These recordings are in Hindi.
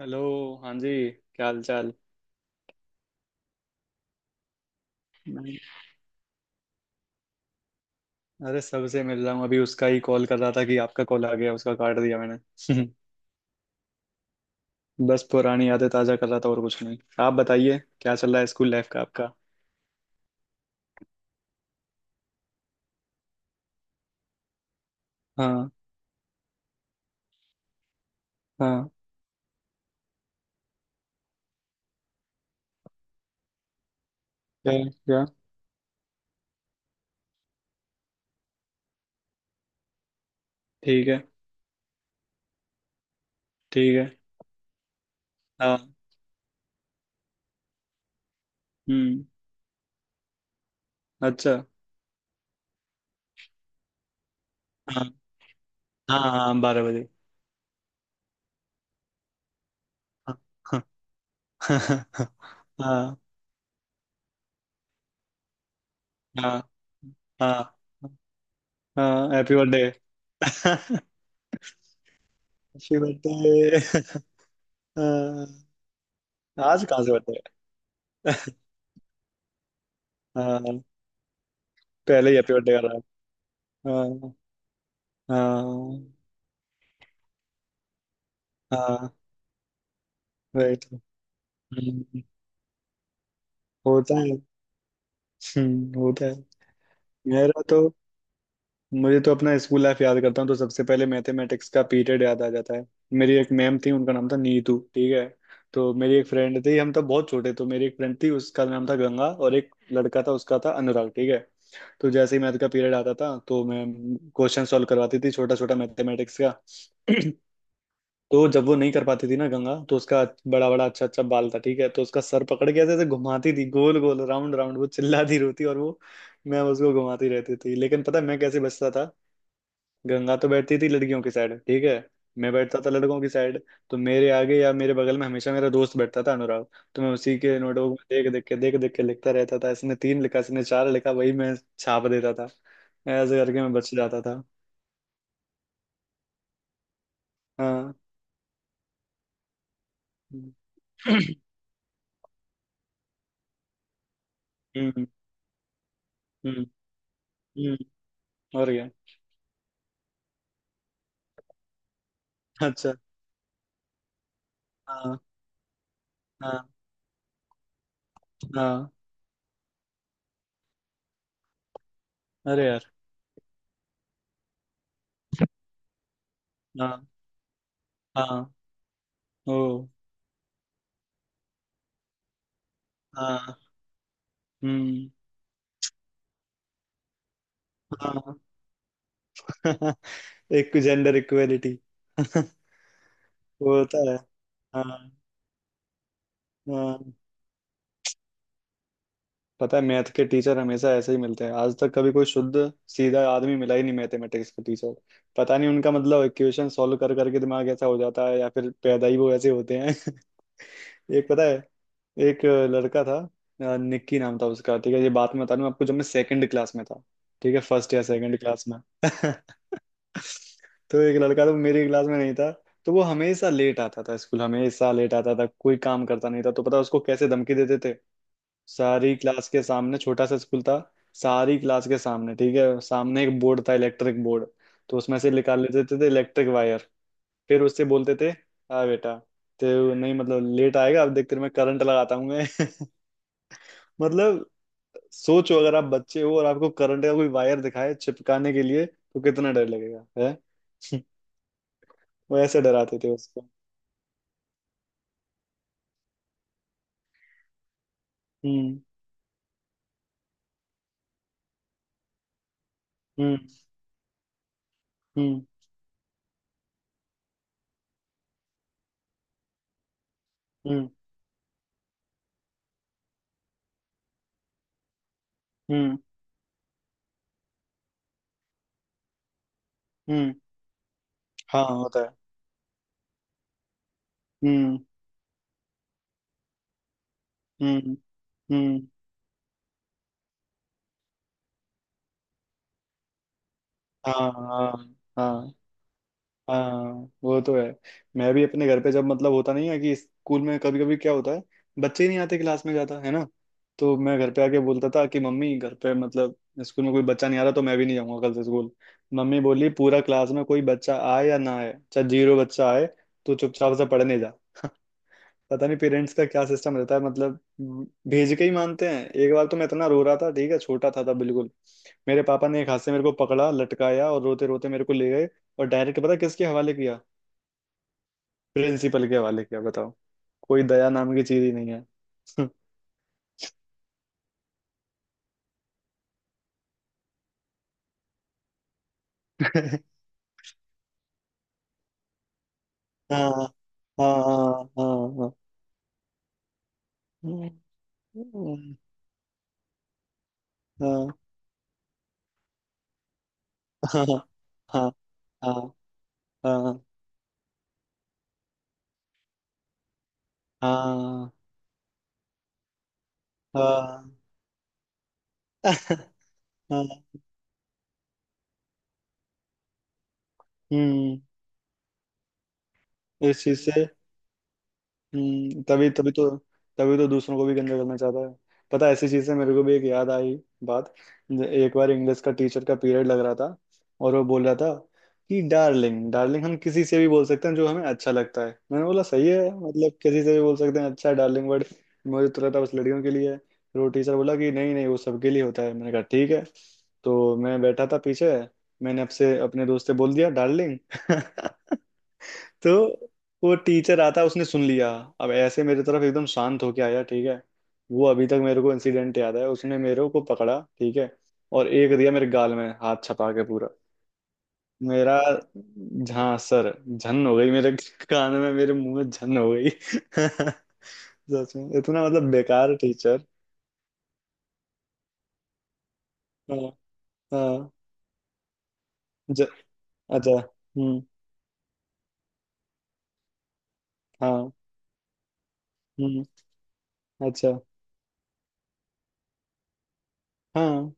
हेलो। हाँ जी। क्या हाल चाल। मैं- अरे सबसे मिल रहा हूँ, अभी उसका ही कॉल कर रहा था कि आपका कॉल आ गया, उसका काट दिया मैंने बस पुरानी यादें ताजा कर रहा था, और कुछ नहीं। आप बताइए क्या चल रहा है स्कूल लाइफ का आपका। हाँ। हाँ। क्या। क्या। ठीक है। ठीक है। हाँ। हम्म। अच्छा। हाँ। हाँ हाँ बारह बजे। हाँ। हाँ। हाँ हाँ हाँ हाँ हैप्पी बर्थडे। Happy birthday. आज कहाँ से। हाँ। पहले ही अपीयर कर रहा है। हाँ। हाँ। हाँ। राइट। हम्म, होता है। होता है। मेरा तो मुझे तो अपना स्कूल लाइफ याद करता हूँ तो सबसे पहले मैथमेटिक्स का पीरियड याद आ जाता है। मेरी एक मैम थी, उनका नाम था नीतू, ठीक है। तो मेरी एक फ्रेंड थी, हम तब बहुत छोटे, तो मेरी एक फ्रेंड थी उसका नाम था गंगा, और एक लड़का था उसका था अनुराग, ठीक है। तो जैसे ही मैथ का पीरियड आता था तो मैं क्वेश्चन सॉल्व करवाती थी, छोटा छोटा मैथमेटिक्स का तो जब वो नहीं कर पाती थी ना गंगा, तो उसका बड़ा बड़ा अच्छा अच्छा बाल था ठीक है, तो उसका सर पकड़ के ऐसे ऐसे घुमाती थी गोल गोल राउंड राउंड, वो चिल्लाती रोती, और वो मैं उसको घुमाती रहती थी। लेकिन पता है मैं कैसे बचता था। गंगा तो बैठती थी लड़कियों की साइड, ठीक है। मैं बैठता था लड़कों की साइड, तो मेरे आगे या मेरे बगल में हमेशा मेरा दोस्त बैठता था अनुराग। तो मैं उसी के नोटबुक में देख देख के लिखता रहता था, इसने 3 लिखा इसने 4 लिखा, वही मैं छाप देता था। ऐसे करके मैं बच जाता था। हाँ। हम्म। हम्म। हम्म। हम्म, और क्या। अच्छा। हाँ। हाँ। हाँ। अरे यार। हाँ। हाँ। ओ। हाँ। हम्म। हाँ। एक जेंडर इक्वेलिटी। वो होता है। हाँ। हाँ। पता है, मैथ के टीचर हमेशा ऐसे ही मिलते हैं, आज तक कभी कोई शुद्ध सीधा आदमी मिला ही नहीं मैथमेटिक्स के टीचर। पता नहीं उनका, मतलब, इक्वेशन सॉल्व कर करके दिमाग ऐसा हो जाता है या फिर पैदा ही वो ऐसे होते हैं। एक पता है, एक लड़का था, निक्की नाम था उसका, ठीक है। ये बात मैं बता दूं आपको, जब मैं सेकंड क्लास में था, ठीक है, फर्स्ट या सेकंड क्लास में। तो एक लड़का तो मेरी क्लास में नहीं था। तो वो हमेशा लेट आता था स्कूल, हमेशा लेट आता था, कोई काम करता नहीं था। तो पता है उसको कैसे धमकी देते थे। सारी क्लास के सामने, छोटा सा स्कूल था, सारी क्लास के सामने, ठीक है, सामने एक बोर्ड था, इलेक्ट्रिक बोर्ड। तो उसमें से निकाल लेते थे इलेक्ट्रिक वायर। फिर उससे बोलते थे हाँ बेटा, तो नहीं मतलब लेट आएगा, अब देख तेरे में करंट लगाता हूँ मैं। मतलब, सोचो, अगर आप बच्चे हो और आपको करंट का कोई वायर दिखाए चिपकाने के लिए, तो कितना डर लगेगा, है। वो ऐसे डराते थे उसको। हम्म। हम्म। हम्म। हम्म। हम्म। हम्म। हाँ होता है। हम्म। हम्म। हम्म। हाँ। हाँ। हाँ। हाँ वो तो है। मैं भी अपने घर पे, जब मतलब होता नहीं है कि स्कूल में कभी कभी क्या होता है, बच्चे ही नहीं आते क्लास में, जाता है ना, तो मैं घर पे आके बोलता था कि मम्मी घर पे, मतलब, स्कूल में कोई बच्चा नहीं आ रहा तो मैं भी नहीं जाऊंगा कल से स्कूल। मम्मी बोली पूरा क्लास में कोई बच्चा आए या ना आए, चाहे 0 बच्चा आए, तो चुपचाप से पढ़ने जा। पता नहीं पेरेंट्स का क्या सिस्टम रहता है, मतलब, भेज के ही मानते हैं। एक बार तो मैं इतना रो रहा था, ठीक है, छोटा था तब बिल्कुल, मेरे पापा ने एक हाथ से मेरे को पकड़ा, लटकाया और रोते रोते मेरे को ले गए। और डायरेक्ट पता है किसके हवाले किया, प्रिंसिपल के हवाले किया, बताओ। कोई दया नाम की चीज ही नहीं है। हाँ। हाँ हाँ हाँ हाँ। हाँ। हाँ। हाँ। हाँ हाँ हाँ। हाँ, हाँ, हाँ, हम्म। इस चीज से। हम्म, तभी तभी तो, तभी तो दूसरों को भी गंदा करना चाहता है। पता है, ऐसी चीज से मेरे को भी एक याद आई बात। एक बार इंग्लिश का टीचर का पीरियड लग रहा था, और वो बोल रहा था कि डार्लिंग डार्लिंग हम किसी से भी बोल सकते हैं, जो हमें अच्छा लगता है। मैंने बोला सही है, मतलब किसी से भी बोल सकते हैं, अच्छा है डार्लिंग वर्ड, मुझे तो लगता है बस लड़कियों के लिए है। फिर वो टीचर बोला कि नहीं नहीं वो सबके लिए होता है। मैंने कहा ठीक है। तो मैं बैठा था पीछे, मैंने आपसे, अपने दोस्त से, बोल दिया डार्लिंग। तो वो टीचर आता, उसने सुन लिया। अब ऐसे मेरी तरफ एकदम शांत होके आया, ठीक है, वो अभी तक मेरे को इंसिडेंट याद है, उसने मेरे को पकड़ा, ठीक है, और एक दिया मेरे गाल में, हाथ छपा के पूरा मेरा। हाँ, सर झन हो गई, मेरे कान में, मेरे मुंह में झन हो गई। सच में इतना मतलब बेकार टीचर। हाँ। हाँ। ज, अच्छा। हम्म। हाँ। हम्म। अच्छा। हाँ।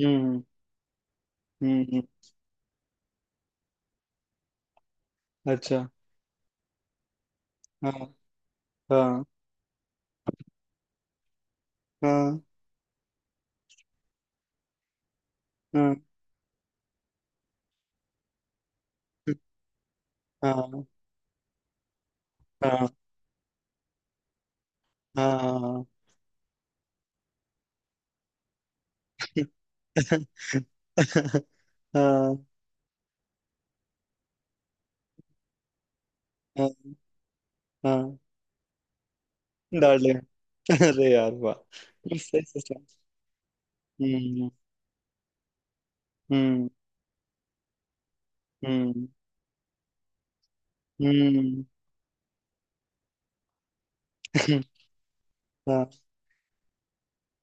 हम्म। हम्म। अच्छा। हाँ। हाँ हाँ हाँ हाँ हाँ हाँ हाँ हाँ हाँ डार्लिंग। अरे यार वाह। सही। सही सही। हम्म। हम्म। हम्म। हम्म। हाँ।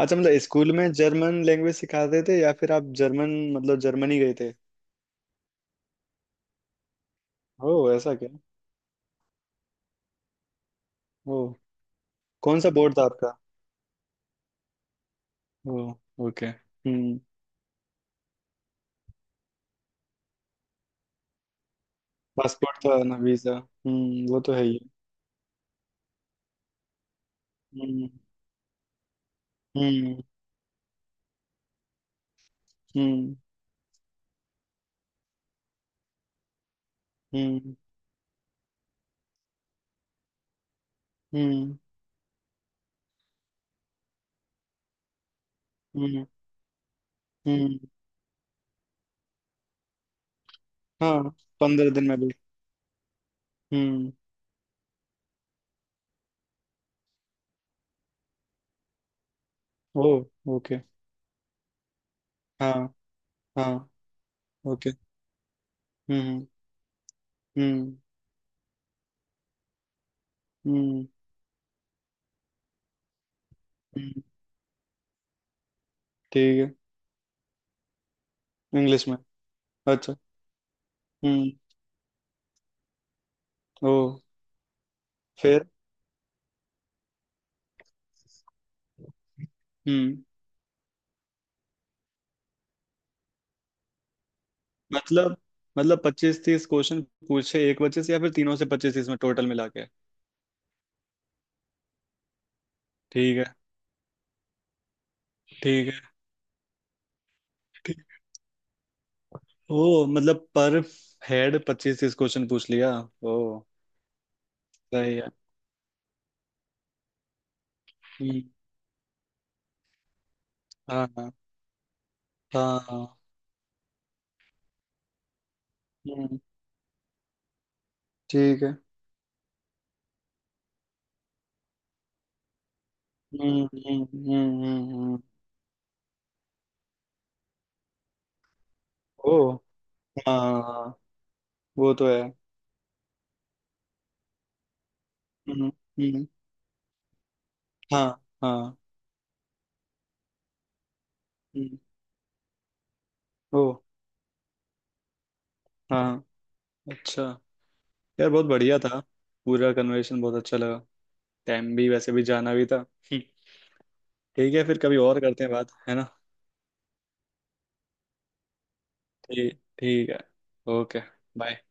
अच्छा, मतलब स्कूल में जर्मन लैंग्वेज सिखाते थे या फिर आप जर्मन, मतलब, जर्मनी गए थे। ओ, ऐसा क्या। ओ। कौन सा बोर्ड था आपका। ओ। ओके। हम्म। पासपोर्ट था ना वीजा, हम्म, वो तो है ही। हम्म। हम्म। हम्म। हम्म। हम्म। हम्म। हम्म। हाँ। 15 दिन में भी। हम्म। ओ। ओके। हाँ। हाँ। ओके। हम्म। हम्म। हम्म। हम्म, ठीक है। इंग्लिश में। अच्छा। हम्म। ओ। फिर। हम्म। मतलब। मतलब 25-30 क्वेश्चन पूछे एक बच्चे से या फिर तीनों से 25-30 में टोटल मिला के। ठीक है। ठीक है। ठीक। ओ मतलब पर हेड 25-30 क्वेश्चन पूछ लिया। ओ। सही है। हम्म। हाँ हाँ हाँ हाँ, हम्म। ठीक है। हम्म। हम्म। हम्म। हम्म। ओ। हाँ वो तो है। हम्म। हम्म। हाँ। हाँ। हम्म, ओ। हाँ। अच्छा। यार बहुत बढ़िया था। पूरा कन्वर्सेशन बहुत अच्छा लगा। टाइम भी वैसे भी जाना भी था। हम्म, ठीक है, फिर कभी और करते हैं बात, है ना। ठीक, ठीक है। ओके। बाय।